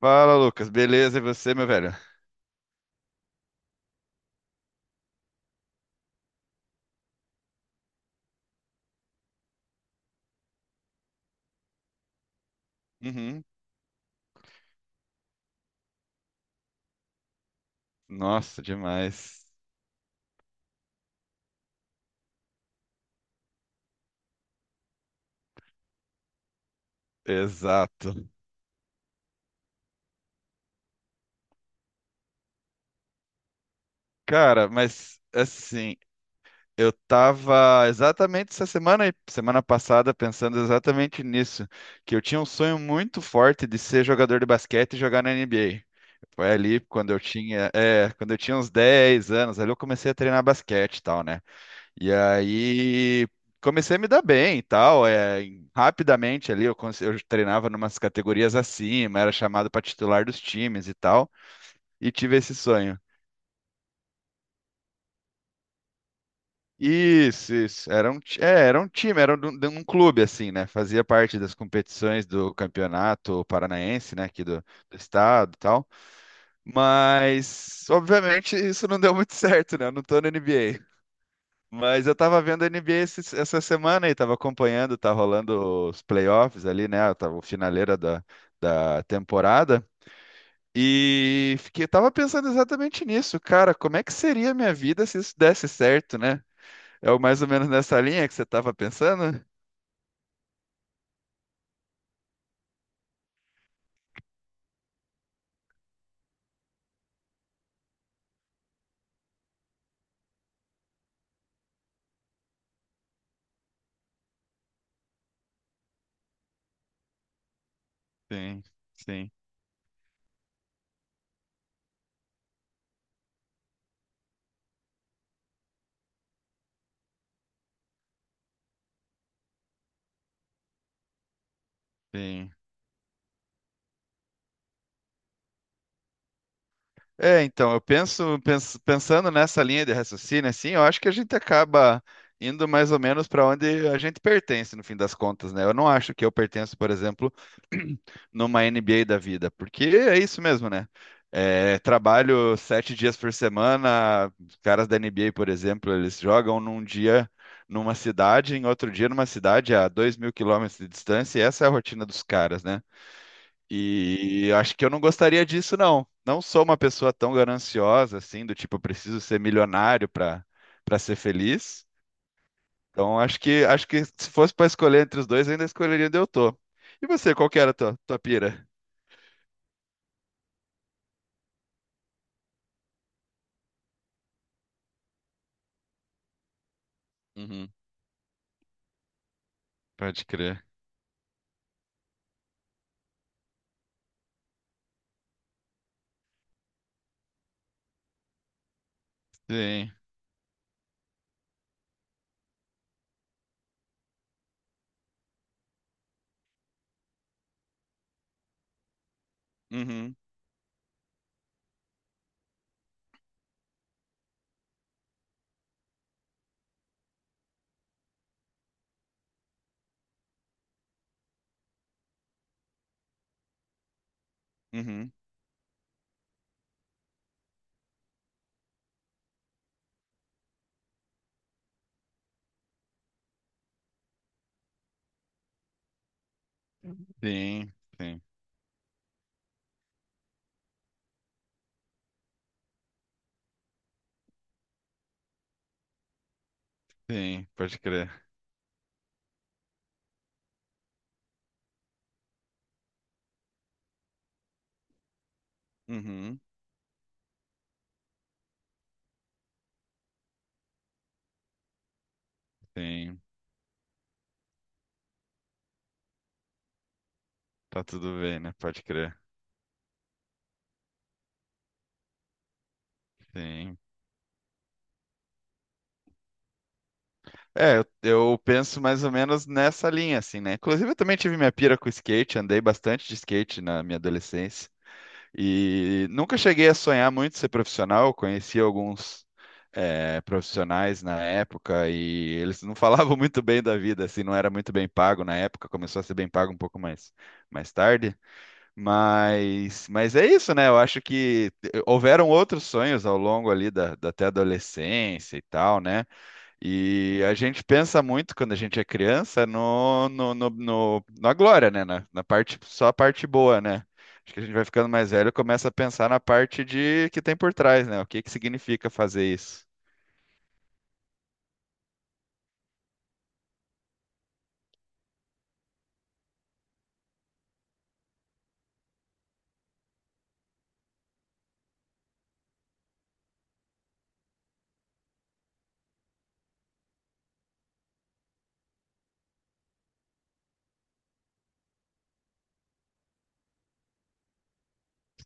Fala, Lucas. Beleza, e você, meu velho? Uhum. Nossa, demais. Exato. Cara, mas assim, eu tava exatamente essa semana e semana passada pensando exatamente nisso, que eu tinha um sonho muito forte de ser jogador de basquete e jogar na NBA. Foi ali quando eu tinha uns 10 anos, ali eu comecei a treinar basquete e tal, né? E aí comecei a me dar bem e tal. Rapidamente ali eu treinava numas categorias acima, era chamado para titular dos times e tal, e tive esse sonho. Isso, isso. Era um time, era de um clube, assim, né? Fazia parte das competições do campeonato paranaense, né? Aqui do estado e tal. Mas, obviamente, isso não deu muito certo, né? Eu não tô na NBA. Mas eu tava vendo a NBA essa semana e tava acompanhando, tá rolando os playoffs ali, né? Tava o finaleira da temporada. E fiquei, tava pensando exatamente nisso, cara. Como é que seria a minha vida se isso desse certo, né? É o mais ou menos nessa linha que você tava pensando? Sim, sim, sim. Então, eu pensando nessa linha de raciocínio, assim, eu acho que a gente acaba indo mais ou menos para onde a gente pertence, no fim das contas, né? Eu não acho que eu pertenço, por exemplo, numa NBA da vida, porque é isso mesmo, né? Trabalho 7 dias por semana, os caras da NBA, por exemplo, eles jogam num dia numa cidade, em outro dia numa cidade a 2.000 km de distância, e essa é a rotina dos caras, né? E acho que eu não gostaria disso, não. Não sou uma pessoa tão gananciosa assim, do tipo, eu preciso ser milionário para ser feliz. Então, acho que se fosse para escolher entre os dois, eu ainda escolheria onde eu tô. E você, qual que era a tua pira? Uhum, pode crer. Sim. Uhum, uhum. Sim, sim, sim, pode crer. Uhum, sim. Tá tudo bem, né? Pode crer. Sim. Eu penso mais ou menos nessa linha, assim, né? Inclusive, eu também tive minha pira com skate, andei bastante de skate na minha adolescência. E nunca cheguei a sonhar muito ser profissional, conheci alguns profissionais na época e eles não falavam muito bem da vida, assim, não era muito bem pago na época, começou a ser bem pago um pouco mais tarde. Mas é isso, né? Eu acho que houveram outros sonhos ao longo ali da até adolescência e tal, né? E a gente pensa muito quando a gente é criança na glória, né? Na parte, só a parte boa, né? Acho que a gente vai ficando mais velho e começa a pensar na parte de que tem por trás, né? O que que significa fazer isso?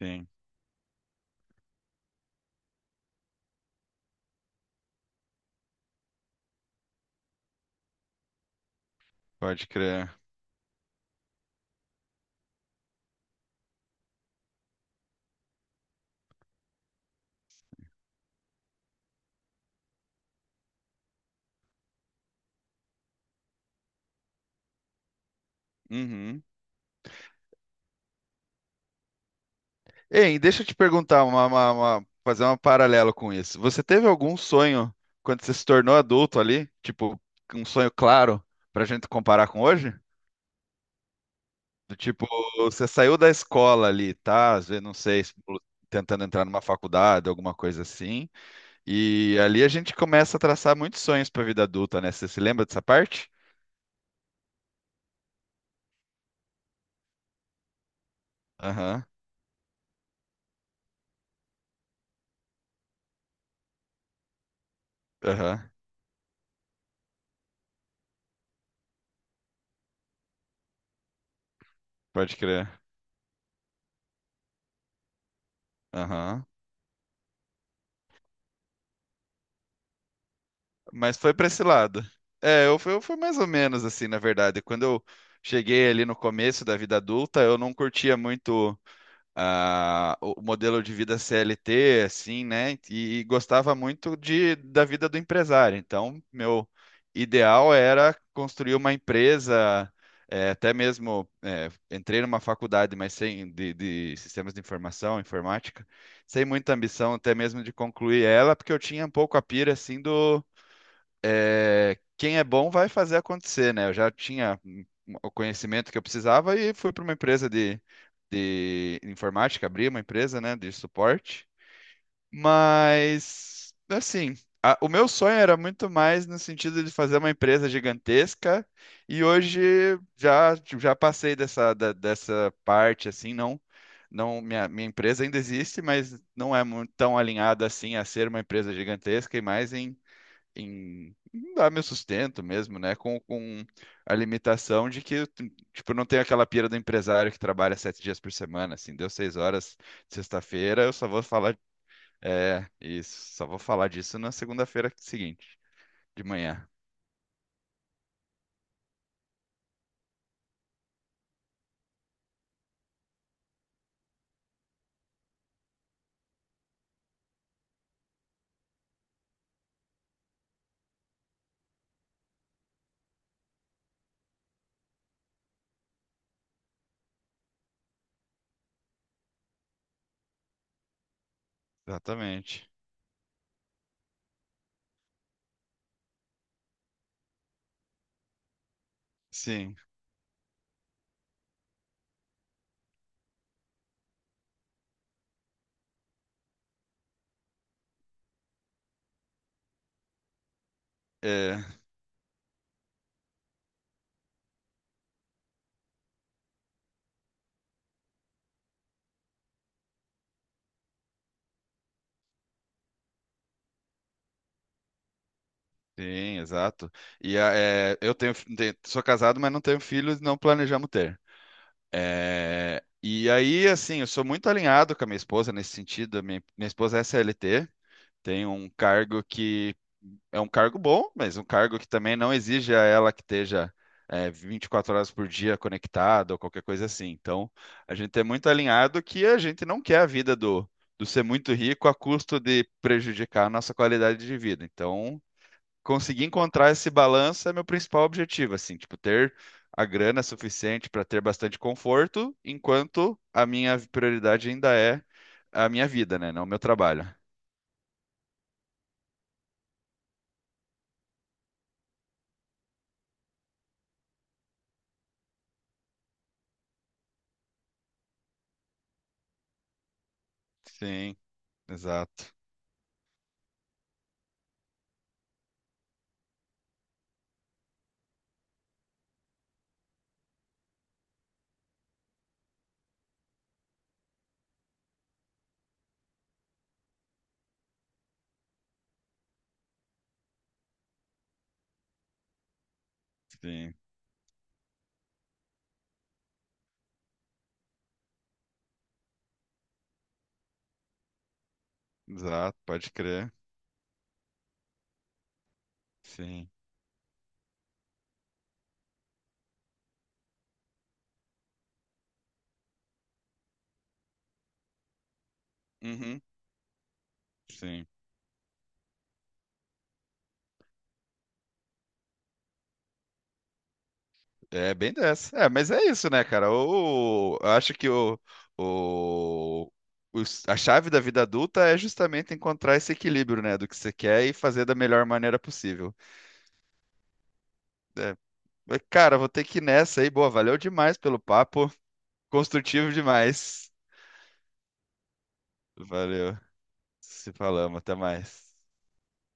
Sim, pode crer. Uhum. Ei, deixa eu te perguntar fazer um paralelo com isso. Você teve algum sonho quando você se tornou adulto ali? Tipo, um sonho claro pra gente comparar com hoje? Do tipo, você saiu da escola ali, tá? Às vezes, não sei, tentando entrar numa faculdade, alguma coisa assim. E ali a gente começa a traçar muitos sonhos pra vida adulta, né? Você se lembra dessa parte? Aham, aham, pode crer. Aham. Mas foi pra esse lado. Eu fui mais ou menos assim, na verdade. Quando eu cheguei ali no começo da vida adulta, eu não curtia muito. O modelo de vida CLT, assim, né? E gostava muito da vida do empresário. Então, meu ideal era construir uma empresa, até mesmo entrei numa faculdade, mas sem de sistemas de informação, informática, sem muita ambição até mesmo de concluir ela, porque eu tinha um pouco a pira assim do quem é bom vai fazer acontecer, né? Eu já tinha o conhecimento que eu precisava e fui para uma empresa de informática, abri uma empresa, né, de suporte. Mas, assim, o meu sonho era muito mais no sentido de fazer uma empresa gigantesca e hoje já passei dessa parte, assim, não. Não, minha empresa ainda existe, mas não é muito tão alinhada assim a ser uma empresa gigantesca e mais em dar meu sustento mesmo, né? Com a limitação de que, tipo, eu não tenho aquela pira do empresário que trabalha 7 dias por semana, assim, deu 6 horas de sexta-feira, eu só vou falar, isso, só vou falar disso na segunda-feira seguinte, de manhã. Exatamente. Sim, é, sim, exato. E a- é, eu tenho, fi- te- sou casado, mas não tenho filhos, não planejamos ter. E aí, assim, eu sou muito alinhado com a minha esposa nesse sentido. A minha esposa é CLT. Tem um cargo que é um cargo bom, mas um cargo que também não exige a ela que esteja 24 horas por dia conectada ou qualquer coisa assim. Então, a gente é muito alinhado que a gente não quer a vida do ser muito rico a custo de prejudicar a nossa qualidade de vida. Então, conseguir encontrar esse balanço é meu principal objetivo, assim, tipo, ter a grana suficiente para ter bastante conforto, enquanto a minha prioridade ainda é a minha vida, né? Não o meu trabalho. Sim, exato. Sim, exato, pode crer. Sim. Uhum, sim. É bem dessa. É, mas é isso, né, cara? Eu acho que o, a chave da vida adulta é justamente encontrar esse equilíbrio, né, do que você quer e fazer da melhor maneira possível. É. Mas, cara, vou ter que ir nessa aí. Boa, valeu demais pelo papo. Construtivo demais. Valeu. Se falamos, até mais.